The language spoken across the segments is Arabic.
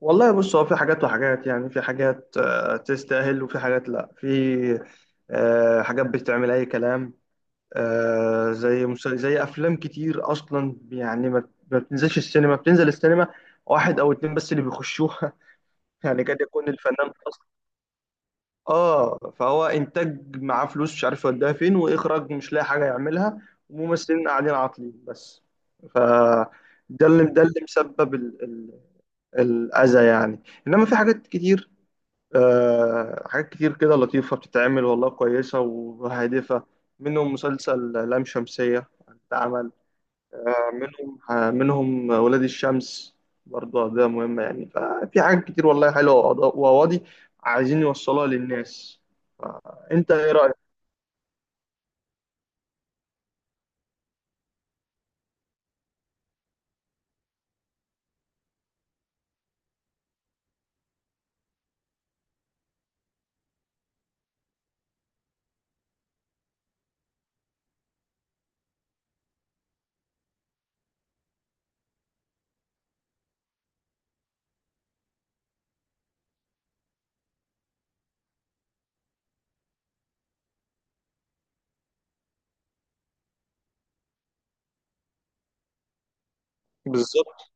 والله بص، هو في حاجات وحاجات. يعني في حاجات، تستاهل، وفي حاجات لا. في حاجات بتعمل اي كلام، زي افلام كتير اصلا يعني ما بتنزلش السينما، بتنزل السينما واحد او اتنين بس اللي بيخشوها. يعني قد يكون الفنان ده اصلا اه، فهو انتاج معاه فلوس مش عارف يوديها فين، واخراج مش لاقي حاجه يعملها، وممثلين قاعدين عاطلين بس. ف ده اللي مسبب الاذى يعني. انما في حاجات كتير، حاجات كتير كده لطيفة بتتعمل والله، كويسة وهادفة. منهم مسلسل لام شمسية، اتعمل. منهم ولاد الشمس، برضه ده مهم. يعني ففي حاجات كتير والله حلوة، وقواضي عايزين يوصلوها للناس. انت ايه رأيك؟ بالظبط.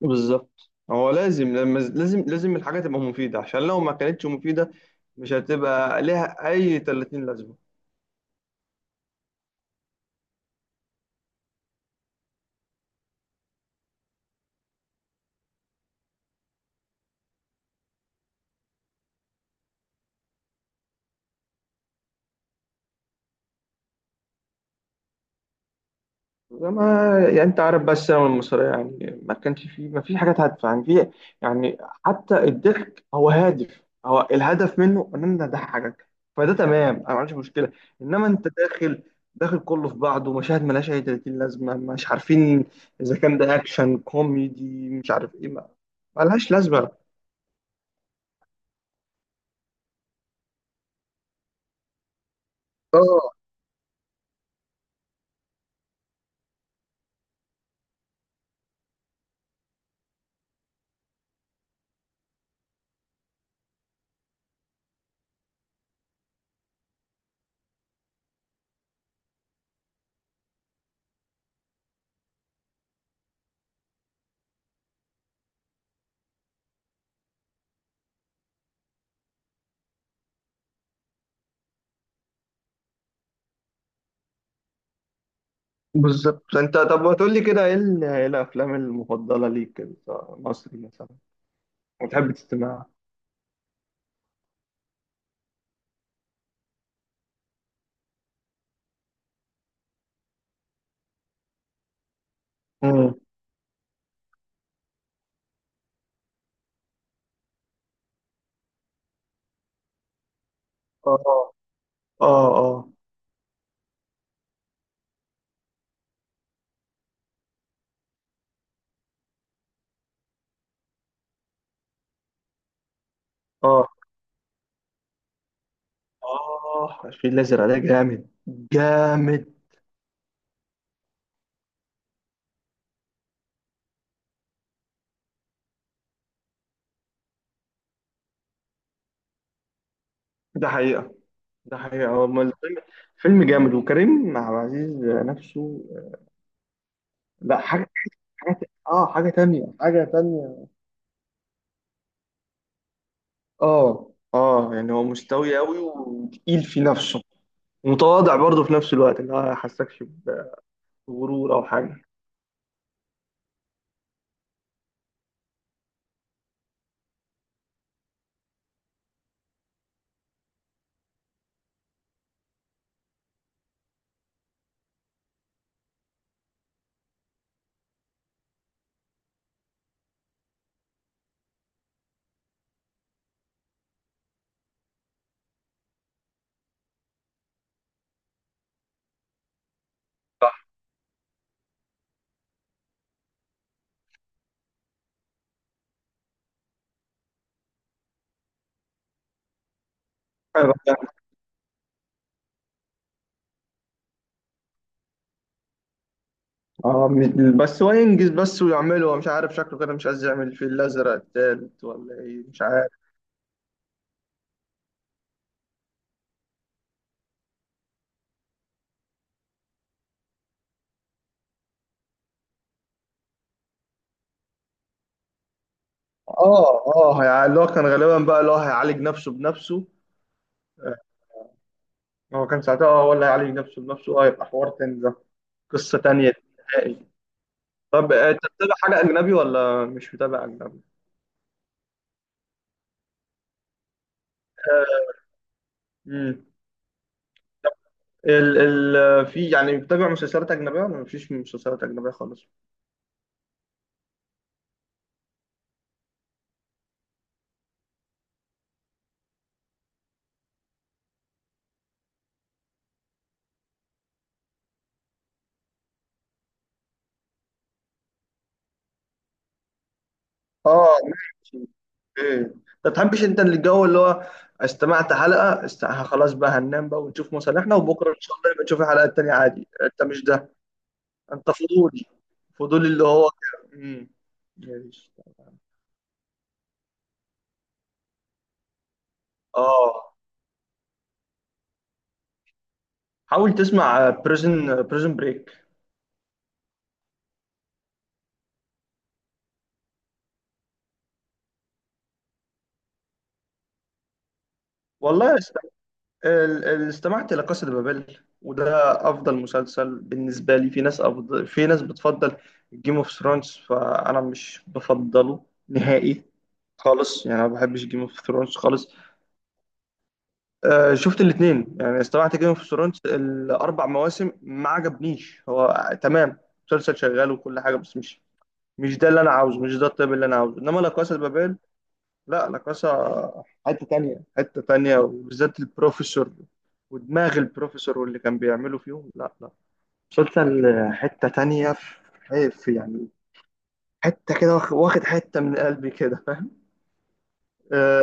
بالظبط، هو لازم، لما لازم لازم الحاجة تبقى مفيدة، عشان لو ما كانتش مفيدة مش هتبقى ليها أي 30 لازمة. ما يعني انت عارف بقى، السينما المصريه يعني ما كانش فيه، ما فيش حاجات هادفه يعني. في يعني حتى الضحك هو هادف، هو الهدف منه ان انا اضحكك، فده تمام، انا ما عنديش مشكله. انما انت داخل، داخل كله في بعضه، مشاهد ملهاش اي 30 لازمه، مش عارفين اذا كان ده اكشن كوميدي مش عارف ايه، ما ملهاش لازمه. اه بالظبط. انت طب ما تقول لي كده، ايه ايه الافلام المفضله ليك كده، مصري مثلا، وتحب تستمعها. امم. اه اه. اه اه، اه الفيل الازرق ده جامد، جامد. ده حقيقه، ده حقيقه، هو ما الفيلم فيلم جامد. وكريم عبد العزيز نفسه، لا حاجه، حاجه، اه حاجه تانية، حاجه تانية. اه اه، يعني هو مستوي قوي وتقيل في نفسه، ومتواضع برضه في نفس الوقت، اللي هو ما يحسكش بغرور او حاجه. صح. اه مش- بس هو ينجز بس ويعمله، هو مش عارف شكله كده مش عايز يعمل الفيل الازرق التالت ولا ايه مش عارف. اه اه، يعني اللي هو كان غالبا بقى اللي هو هيعالج نفسه بنفسه. آه، هو كان ساعتها، اه هو اللي هيعالج نفسه بنفسه، اه يبقى حوار تاني ده، قصة تانية نهائي. طب انت بتتابع حاجة أجنبي ولا مش متابع أجنبي؟ امم. ال ال في يعني، بتابع مسلسلات أجنبية ولا مفيش مسلسلات أجنبية خالص؟ اه، ماشي، اوكي. ما تحبش انت اللي الجو اللي هو، استمعت حلقة خلاص بقى، هننام بقى ونشوف مصالحنا، وبكرة ان شاء الله يبقى تشوف الحلقة التانية عادي، انت مش ده. انت فضولي، فضولي اللي هو كده. امم، ماشي. اه، حاول تسمع بريزن بريك. والله استمعت لقصة بابل، وده افضل مسلسل بالنسبة لي. في ناس في ناس بتفضل جيم اوف ثرونز، فانا مش بفضله نهائي خالص، يعني انا ما بحبش جيم اوف ثرونز خالص. آه شفت الاثنين، يعني استمعت جيم اوف ثرونز الاربع مواسم ما عجبنيش. هو تمام، مسلسل شغال وكل حاجة، بس مش، مش ده اللي انا عاوزه، مش ده الطيب اللي انا عاوزه. انما لا كاسا بابيل، لا لا كاسا، حته تانية، حته تانية، وبالذات البروفيسور ودماغ البروفيسور واللي كان بيعمله فيهم، لا لا. مسلسل حته تانية، في حيف يعني، حته كده واخد حته من قلبي كده، فاهم. آه,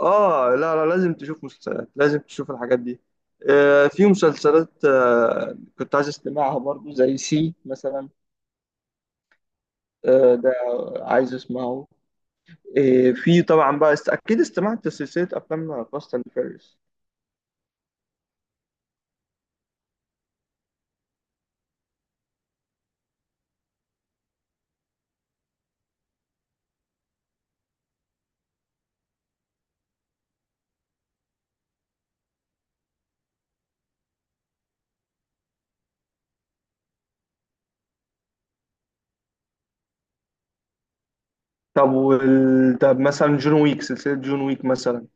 اه لا لا لازم تشوف مسلسلات، لازم تشوف الحاجات دي. آه في مسلسلات، آه كنت عايز استمعها برضو، زي سي مثلا. آه ده، عايز اسمعه. إيه، في طبعا بقى اكيد استمعت لسلسله افلام فاست اند فيريوس. طب طب مثلا جون ويك، سلسله جون ويك مثلا.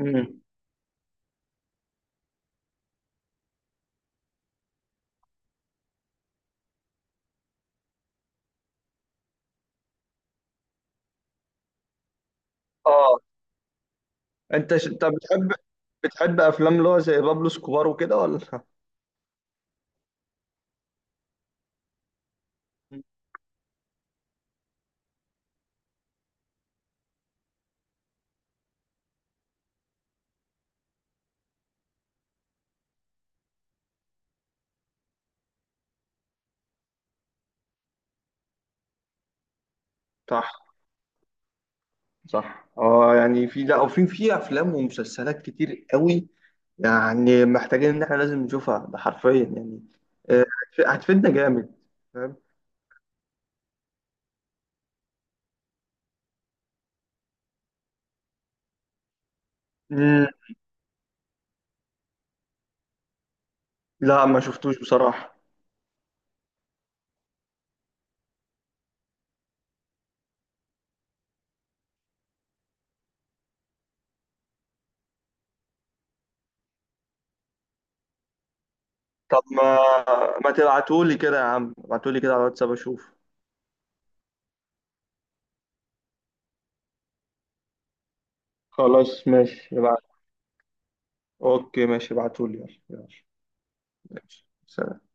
امم، اه طب بتحب، بتحب افلام اللي هو زي بابلو سكوبار وكده، ولا مم. صح، صح اه. يعني في لا، وفي في افلام ومسلسلات كتير قوي، يعني محتاجين ان احنا لازم نشوفها، ده حرفيا يعني. آه، هتفيدنا جامد، فاهم. مم. لا ما شفتوش بصراحه. طب ما تبعتولي كده يا عم، ابعتولي كده على الواتساب اشوف. خلاص ماشي ابعت. اوكي ماشي ابعتولي، يلا يلا. ماشي، سلام.